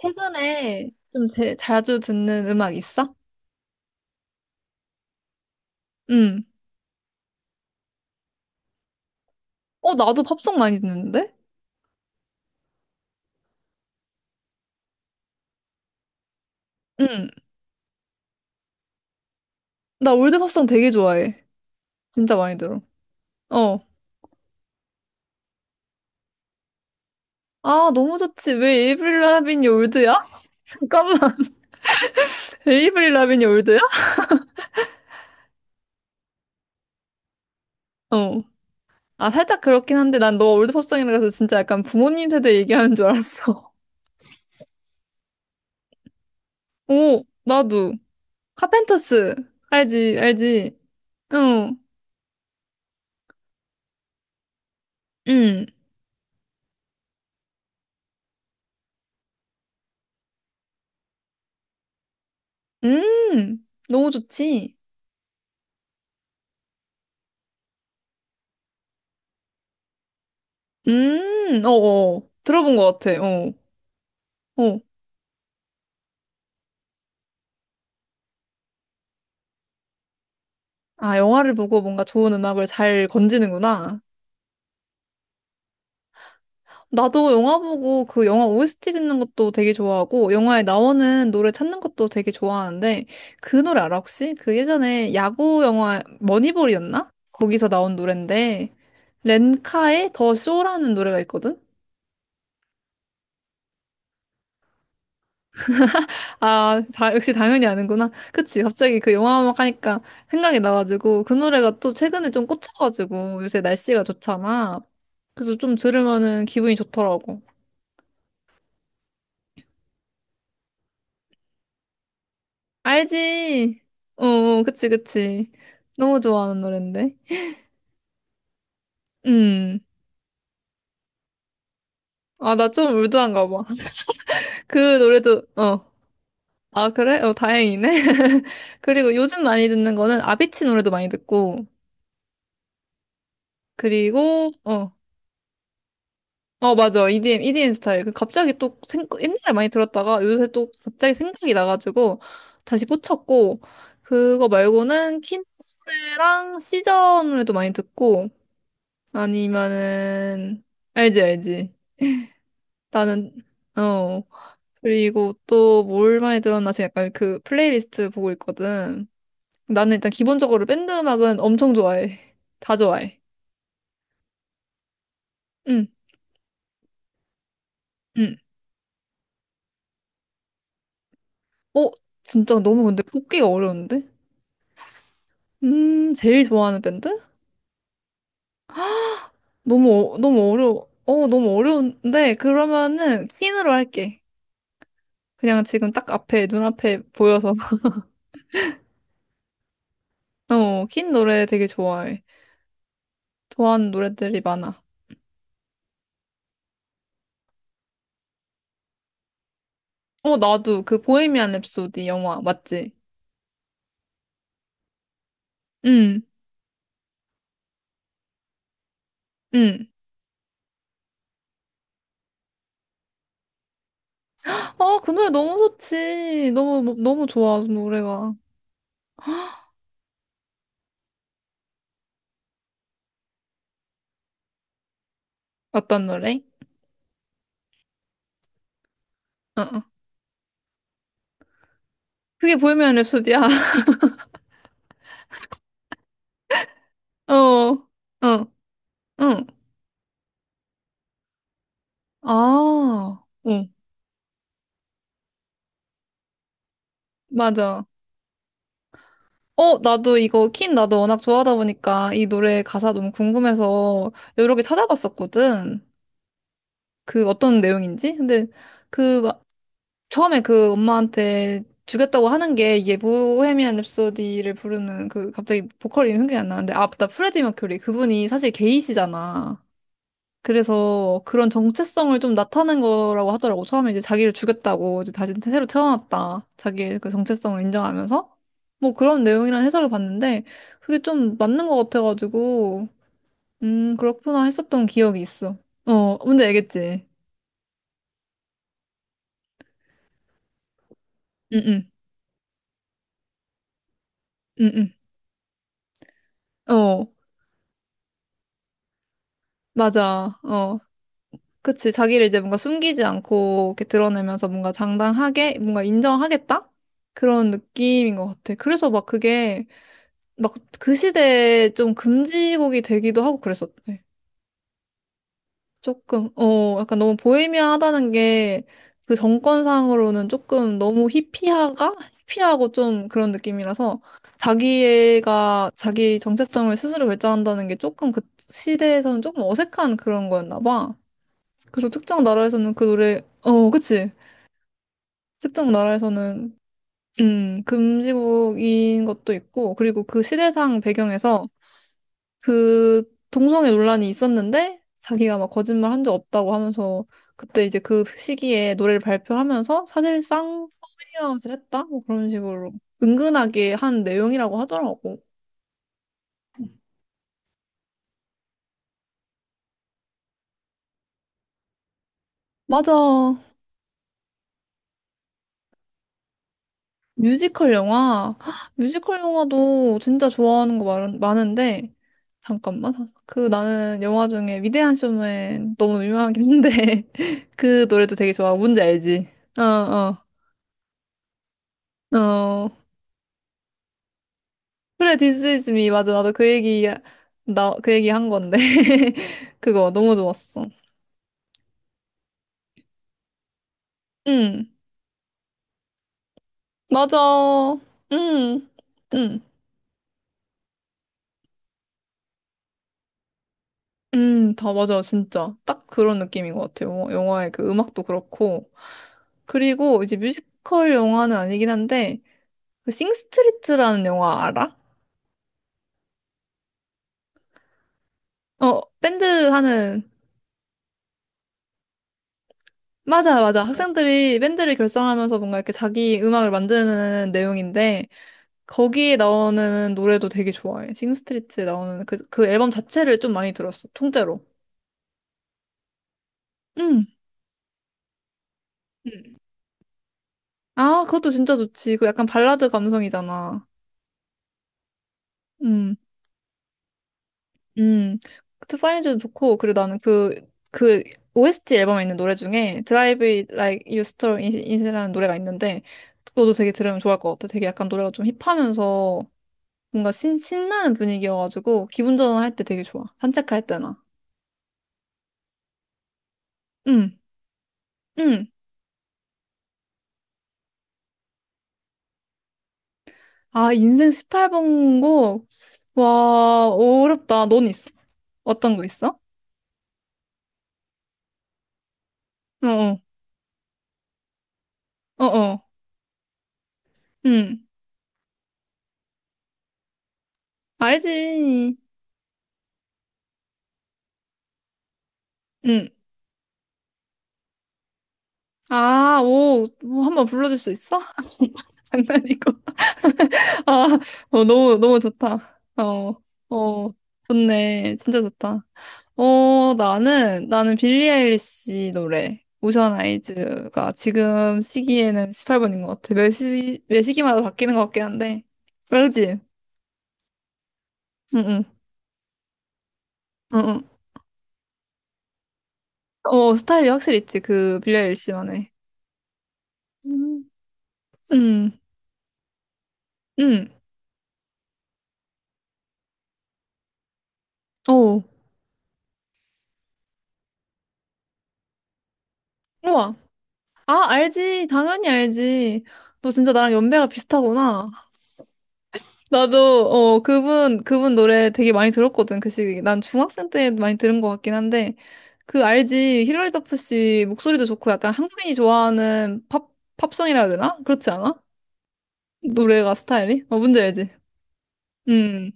최근에 좀 자주 듣는 음악 있어? 응. 어, 나도 팝송 많이 듣는데? 응. 나 올드 팝송 되게 좋아해. 진짜 많이 들어. 어. 아, 너무 좋지. 왜 에이브릴 라빈이 올드야? 잠깐만. 에이브릴 라빈이 올드야? 어. 아, 살짝 그렇긴 한데 난 너 올드 팝송이라 서 진짜 약간 부모님 세대 얘기하는 줄 알았어. 오, 나도. 카펜터스. 알지, 알지. 응. 응. 음. 너무 좋지. 어어. 들어본 것 같아, 어. 어. 아, 영화를 보고 뭔가 좋은 음악을 잘 건지는구나. 나도 영화 보고 그 영화 OST 듣는 것도 되게 좋아하고, 영화에 나오는 노래 찾는 것도 되게 좋아하는데, 그 노래 알아, 혹시? 그 예전에 야구 영화 머니볼이었나? 거기서 나온 노랜데, 렌카의 더 쇼라는 노래가 있거든? 아, 다, 역시 당연히 아는구나. 그치, 갑자기 그 영화 음악 하니까 생각이 나가지고, 그 노래가 또 최근에 좀 꽂혀가지고, 요새 날씨가 좋잖아. 그래서 좀 들으면은 기분이 좋더라고. 알지? 어, 어, 그치, 그치. 너무 좋아하는 노랜데. 음. 아, 나 좀 울드한가 봐. 그 노래도, 어. 아, 그래? 어, 다행이네. 그리고 요즘 많이 듣는 거는 아비치 노래도 많이 듣고, 그리고, 어. 어, 맞아. EDM, EDM 스타일. 그 갑자기 또, 옛날에 많이 들었다가 요새 또 갑자기 생각이 나가지고 다시 꽂혔고, 그거 말고는 퀸 노래랑 시저 노래도 많이 듣고, 아니면은, 알지, 알지. 나는, 어. 그리고 또 뭘 많이 들었나? 지금 약간 그 플레이리스트 보고 있거든. 나는 일단 기본적으로 밴드 음악은 엄청 좋아해. 다 좋아해. 응, 응. 어, 진짜 너무 근데 꼽기가 어려운데? 제일 좋아하는 밴드? 너무, 너무 어려워. 어, 너무 어려운데? 그러면은 퀸으로 할게. 그냥 지금 딱 앞에, 눈앞에 보여서. 어, 퀸 노래 되게 좋아해. 좋아하는 노래들이 많아. 어, 나도 그 보헤미안 랩소디 영화 맞지? 응, 응. 아, 그 노래 너무 좋지. 너무, 너무 좋아, 그 노래가. 어떤 노래? 어, 어. 그게 보헤미안 랩소디야. 어, 어, 응. 아, 응, 맞아. 어, 나도 이거, 퀸 나도 워낙 좋아하다 보니까 이 노래 가사 너무 궁금해서 여러 개 찾아봤었거든. 그 어떤 내용인지? 근데 그, 막 처음에 그 엄마한테 주겠다고 하는 게 이게 보헤미안 랩소디를 부르는 그 갑자기 보컬 이름 생각이 안 나는데 아, 맞다. 프레디 머큐리. 그분이 사실 게이시잖아. 그래서 그런 정체성을 좀 나타낸 거라고 하더라고. 처음에 이제 자기를 죽였다고 이제 다시 새로 태어났다. 자기의 그 정체성을 인정하면서 뭐 그런 내용이라는 해설을 봤는데 그게 좀 맞는 것 같아가지고 그렇구나 했었던 기억이 있어. 어 뭔지 알겠지? 응응 응응 어 맞아 어 그치 자기를 이제 뭔가 숨기지 않고 이렇게 드러내면서 뭔가 장당하게 뭔가 인정하겠다 그런 느낌인 것 같아. 그래서 막 그게 막 그 시대에 좀 금지곡이 되기도 하고 그랬었대. 조금, 어, 약간 너무 보헤미안하다는 게 그 정권상으로는 조금 너무 히피하가? 히피하고 좀 그런 느낌이라서 자기가 자기 정체성을 스스로 결정한다는 게 조금 그 시대에서는 조금 어색한 그런 거였나 봐. 그래서 특정 나라에서는 그 노래, 어, 그치. 특정 나라에서는, 금지곡인 것도 있고, 그리고 그 시대상 배경에서 그 동성애 논란이 있었는데 자기가 막 거짓말 한 적 없다고 하면서 그때 이제 그 시기에 노래를 발표하면서 사실상 컴밍아웃을 했다? 뭐 그런 식으로 은근하게 한 내용이라고 하더라고. 맞아. 뮤지컬 영화. 헉, 뮤지컬 영화도 진짜 좋아하는 거 많은데 잠깐만. 그 나는 영화 중에 위대한 쇼맨 너무 유명하긴 한데 그 노래도 되게 좋아. 뭔지 알지? 어, 어. 어, 그래, This is me. 맞아. 나도 그 얘기, 나, 그 얘기 한 건데. 그거 너무 좋았어. 응, 맞아. 응, 응, 응, 다 맞아. 진짜. 딱 그런 느낌인 것 같아요. 영화의 그 음악도 그렇고. 그리고 이제 뮤지컬 영화는 아니긴 한데, 그 싱스트리트라는 영화 알아? 어, 밴드 하는, 맞아, 맞아. 학생들이 밴드를 결성하면서 뭔가 이렇게 자기 음악을 만드는 내용인데, 거기에 나오는 노래도 되게 좋아해. 싱스트리트에 나오는 그, 그 앨범 자체를 좀 많이 들었어. 통째로. 응. 응. 아, 그것도 진짜 좋지. 그 약간 발라드 감성이잖아. 응. 응. 트파인즈도 좋고, 그리고 나는 그, 그, OST 앨범에 있는 노래 중에 Drive It Like You Stole It It이라는 노래가 있는데, 그것도 되게 들으면 좋을 것 같아. 되게 약간 노래가 좀 힙하면서 뭔가 신나는 분위기여가지고, 기분 전환할 때 되게 좋아. 산책할 때나. 응. 응. 아, 인생 18번고? 와, 어렵다. 넌 있어? 어떤 거 있어? 어어, 어어, 응, 알지. 응. 아, 오, 뭐 한번 불러줄 수 있어? 장난이고. 아, 어, 너무, 너무 좋다. 어, 어, 좋네. 진짜 좋다. 어, 나는, 나는 빌리 아일리시 노래. 오션 아이즈가 지금 시기에는 18번인 것 같아. 매 시, 매 시기마다 바뀌는 것 같긴 한데. 알지? 응, 응. 어, 어, 어, 스타일이 확실히 있지, 그, 빌리 아일리시만의. 음. 음, 음, 어, 우와. 아, 알지. 당연히 알지. 너 진짜 나랑 연배가 비슷하구나. 나도, 어, 그분, 그분 노래 되게 많이 들었거든, 그 시기. 난 중학생 때 많이 들은 것 같긴 한데, 그 알지. 힐러리 더프 씨 목소리도 좋고, 약간 한국인이 좋아하는 팝, 팝송이라 해야 되나? 그렇지 않아? 노래가 스타일이? 어, 뭔지 알지? 음,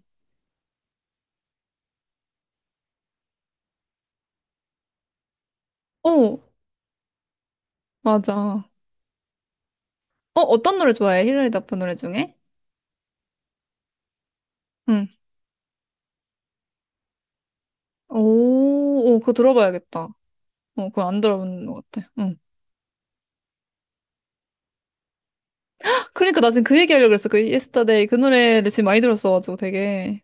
어, 맞아. 어, 어떤 노래 좋아해? 힐러리 더프 노래 중에? 응. 오, 오, 그거 들어봐야겠다. 어, 그거 안 들어본 것 같아. 응. 그러니까 나 지금 그 얘기하려고 그랬어. 그 Yesterday 그 노래를 지금 많이 들었어가지고 되게.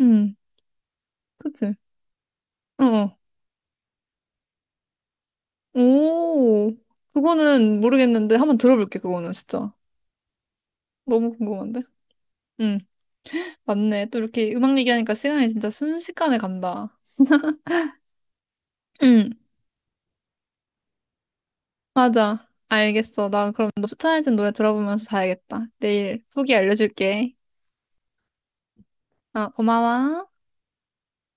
응, 그치? 어, 어. 오, 그거는 모르겠는데 한번 들어볼게, 그거는 진짜. 너무 궁금한데? 응, 맞네. 또 이렇게 음악 얘기하니까 시간이 진짜 순식간에 간다. 응, 맞아. 알겠어. 나 그럼 너 추천해준 노래 들어보면서 자야겠다. 내일 후기 알려줄게. 어, 고마워.